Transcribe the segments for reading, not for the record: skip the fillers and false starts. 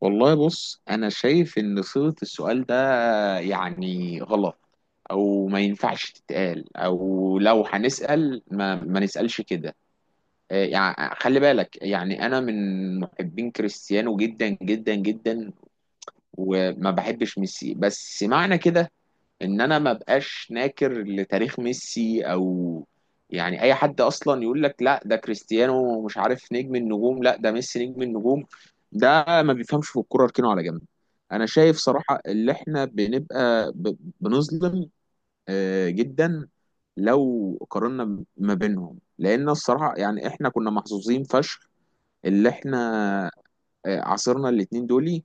والله بص، انا شايف ان صيغة السؤال ده غلط، او ما ينفعش تتقال، او لو هنسأل ما نسألش كده. خلي بالك، انا من محبين كريستيانو جدا جدا جدا وما بحبش ميسي، بس معنى كده ان انا ما بقاش ناكر لتاريخ ميسي. او اي حد اصلا يقول لك لا ده كريستيانو مش عارف نجم النجوم، لا ده ميسي نجم النجوم، ده ما بيفهمش في الكوره، اركنه على جنب. انا شايف صراحه اللي احنا بنظلم، جدا، لو قارنا ما بينهم، لان الصراحه احنا كنا محظوظين فشخ اللي احنا عاصرنا الاتنين دول،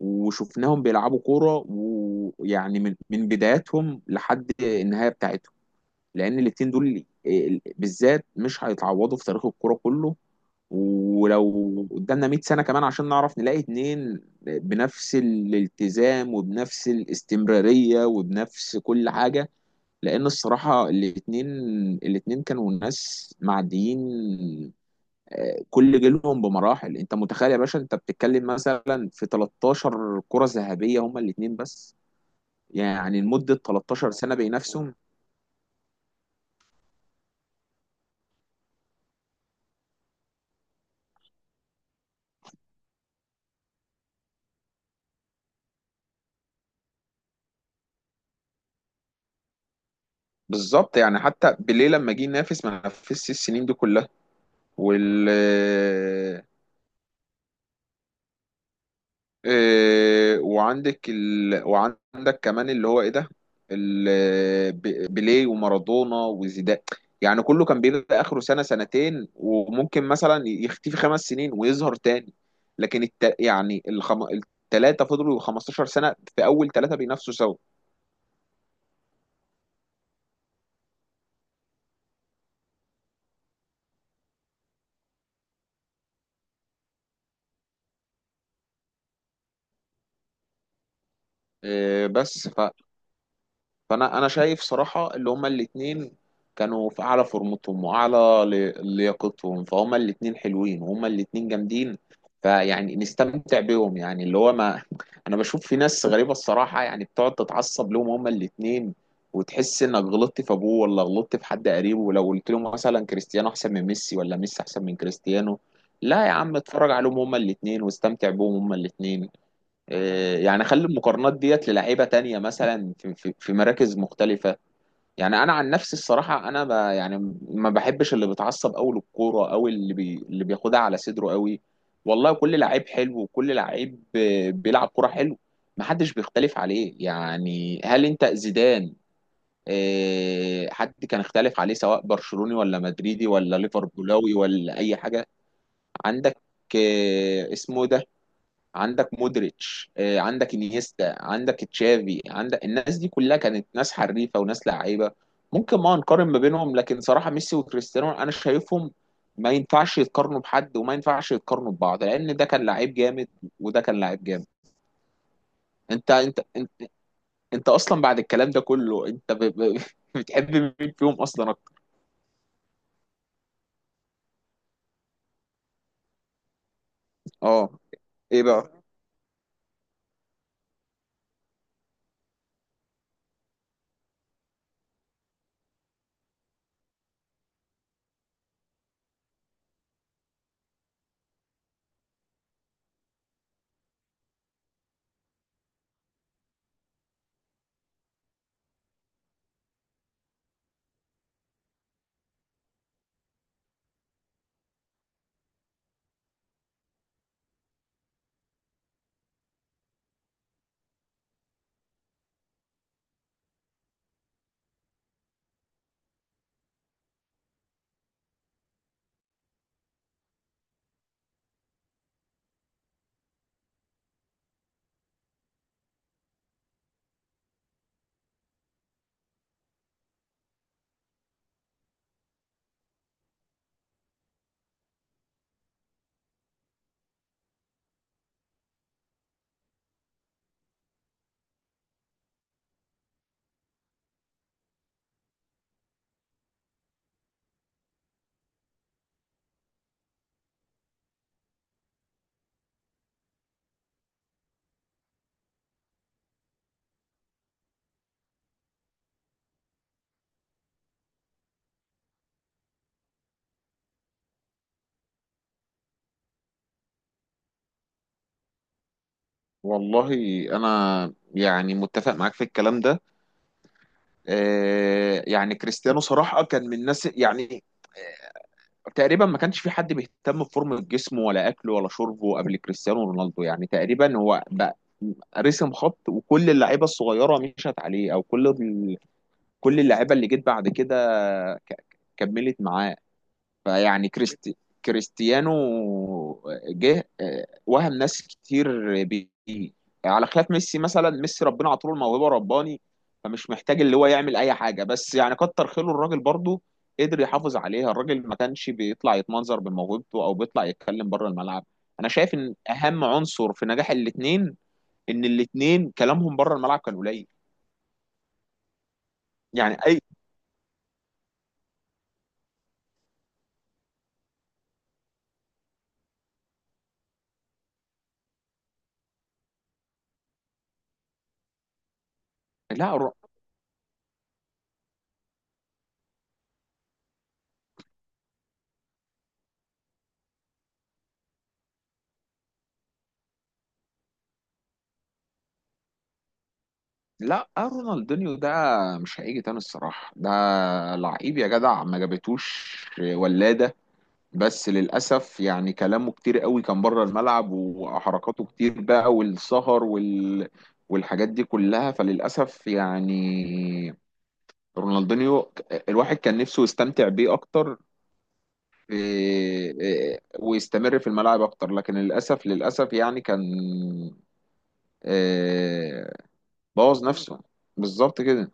وشفناهم بيلعبوا كورة، من بداياتهم لحد النهاية بتاعتهم، لأن الاتنين دول بالذات مش هيتعوضوا في تاريخ الكورة كله. ولو قدامنا 100 سنة كمان عشان نعرف نلاقي اتنين بنفس الالتزام وبنفس الاستمرارية وبنفس كل حاجة، لأن الصراحة الاتنين كانوا ناس معديين كل جيلهم بمراحل. انت متخيل يا باشا، انت بتتكلم مثلا في 13 كرة ذهبية هما الاثنين بس، لمدة 13 سنة بينافسهم. بالظبط، حتى بيليه لما جه ينافس ما نافسش السنين دي كلها. وال وعندك وعندك كمان اللي هو ايه ده، بيليه ومارادونا وزيدان، كله كان بيبقى اخره سنة سنتين وممكن مثلا يختفي خمس سنين ويظهر تاني. لكن التلاتة فضلوا 15 سنة في اول تلاتة بينافسوا سوا. بس فانا شايف صراحه اللي هما الاثنين كانوا في اعلى فورمتهم واعلى لياقتهم، فهما الاثنين حلوين وهما الاثنين جامدين، نستمتع بيهم. اللي هو ما انا بشوف في ناس غريبه الصراحه بتقعد تتعصب لهم هما الاثنين، وتحس انك غلطت في ابوه ولا غلطت في حد قريبه، ولو قلت لهم مثلا كريستيانو احسن من ميسي ولا ميسي احسن من كريستيانو. لا يا عم، اتفرج عليهم هما الاثنين واستمتع بيهم هما الاثنين. اخلي المقارنات ديت للعيبه تانية مثلا في مراكز مختلفه. انا عن نفسي الصراحه انا ب يعني ما بحبش اللي بيتعصب قوي للكوره، او اللي بياخدها على صدره قوي. والله كل لعيب حلو، وكل لعيب بيلعب كوره حلو، محدش بيختلف عليه. هل انت زيدان حد كان اختلف عليه؟ سواء برشلوني ولا مدريدي ولا ليفربولاوي ولا اي حاجه. عندك اسمه ده، عندك مودريتش، عندك انيستا، عندك تشافي، عندك الناس دي كلها كانت ناس حريفه وناس لعيبه. ممكن ما نقارن ما بينهم، لكن صراحه ميسي وكريستيانو انا شايفهم ما ينفعش يتقارنوا بحد، وما ينفعش يتقارنوا ببعض، لان ده كان لعيب جامد وده كان لعيب جامد. انت انت انت, انت اصلا بعد الكلام ده كله، انت بتحب مين فيهم اصلا اكتر؟ اه، ايه بقى؟ والله انا متفق معاك في الكلام ده. كريستيانو صراحة كان من الناس، تقريبا ما كانش في حد بيهتم بفورمة جسمه ولا أكله ولا شربه قبل كريستيانو رونالدو. يعني تقريبا هو بقى رسم خط، وكل اللعيبة الصغيرة مشت عليه. كل اللعيبة اللي جت بعد كده ك- كملت معاه. فيعني كريستي كريستيانو جه وهم ناس كتير بيه، على خلاف ميسي. مثلا ميسي ربنا عطوله الموهبه رباني، فمش محتاج اللي هو يعمل اي حاجه، بس كتر خيره الراجل برضه قدر يحافظ عليها، الراجل ما كانش بيطلع يتمنظر بموهبته او بيطلع يتكلم بره الملعب. انا شايف ان اهم عنصر في نجاح الاثنين ان الاثنين كلامهم بره الملعب كان قليل. يعني اي لا لا، رونالدينيو ده مش هيجي تاني الصراحة، ده لعيب يا جدع ما جابتوش ولادة. بس للأسف كلامه كتير قوي كان بره الملعب، وحركاته كتير بقى، والسهر والحاجات دي كلها، فللأسف رونالدينيو الواحد كان نفسه يستمتع بيه أكتر، إيه، إيه، ويستمر في الملاعب أكتر، لكن للأسف للأسف كان إيه، بوظ نفسه، بالظبط كده.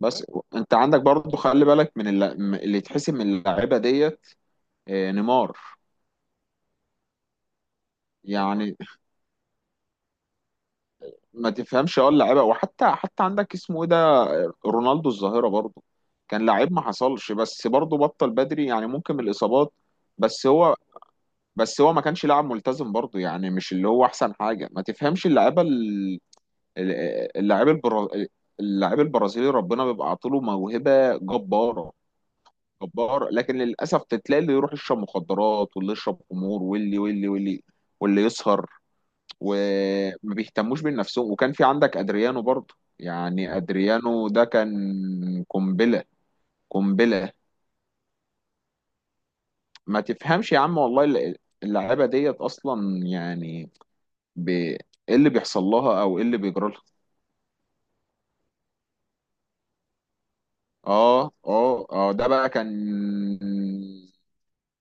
بس انت عندك برضو، خلي بالك من اللي يتحسب من اللعيبه ديت، نيمار، يعني ما تفهمش اه اللعيبه. وحتى حتى عندك اسمه ايه ده، رونالدو الظاهره برضو كان لعيب ما حصلش، بس برضو بطل بدري، يعني ممكن من الاصابات. بس هو بس هو ما كانش لاعب ملتزم برضو، يعني مش اللي هو احسن حاجه. ما تفهمش اللعيبه ال- اللعيب البرا... اللعيب البرازيلي ربنا بيبقى عاطيله موهبه جباره جبار، لكن للاسف تلاقي اللي يروح يشرب مخدرات، واللي يشرب خمور، واللي واللي يسهر وما بيهتموش بنفسهم. وكان في عندك ادريانو برضه، يعني ادريانو ده كان قنبله، قنبله. ما تفهمش يا عم والله اللعيبه ديت اصلا، يعني ايه اللي بيحصل لها او ايه اللي بيجرى لها؟ اه اه اه، ده بقى كان،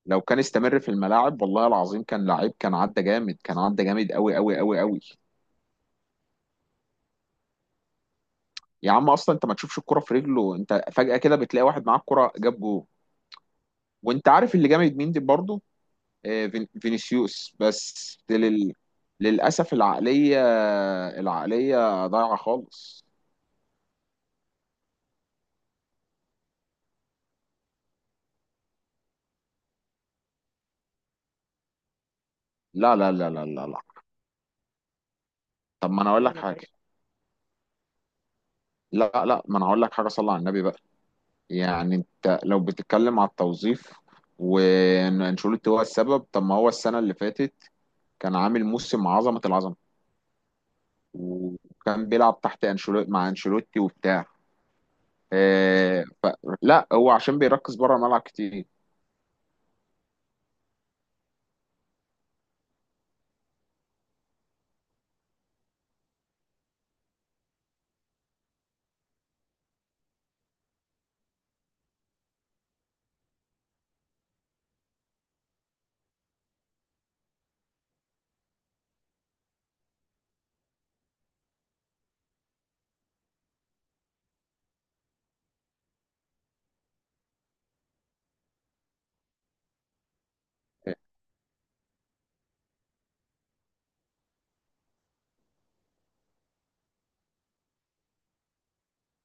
لو كان استمر في الملاعب والله العظيم كان لعيب، كان عدى جامد، كان عدى جامد قوي قوي قوي قوي. يا عم اصلا انت ما تشوفش الكرة في رجله، انت فجأة كده بتلاقي واحد معاه الكرة جاب جول. وانت عارف اللي جامد مين دي برضه؟ فينيسيوس، بس للأسف العقلية ضايعة خالص. لا، طب ما انا اقول لك حاجة، لا لا ما انا هقول لك حاجة، صلى على النبي بقى. يعني انت لو بتتكلم على التوظيف وانشيلوتي هو السبب، طب ما هو السنة اللي فاتت كان عامل موسم عظمة العظمة، وكان بيلعب تحت انشيلوتي، مع انشيلوتي وبتاع آه، ف... لا، هو عشان بيركز بره الملعب كتير.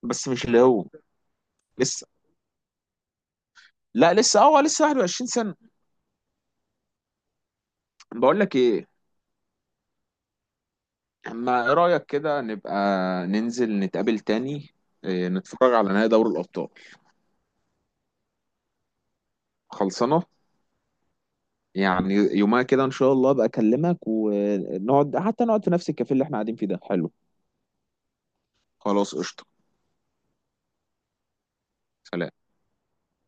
بس مش اللي هو لسه لا لسه، اه هو لسه 21 سنة. بقول لك ايه، اما ايه رأيك كده نبقى ننزل نتقابل تاني نتفرج على نهائي دوري الأبطال؟ خلصانة؟ يعني يومها كده ان شاء الله ابقى اكلمك ونقعد، حتى نقعد في نفس الكافيه اللي احنا قاعدين فيه ده، حلو. خلاص قشطة، سلام.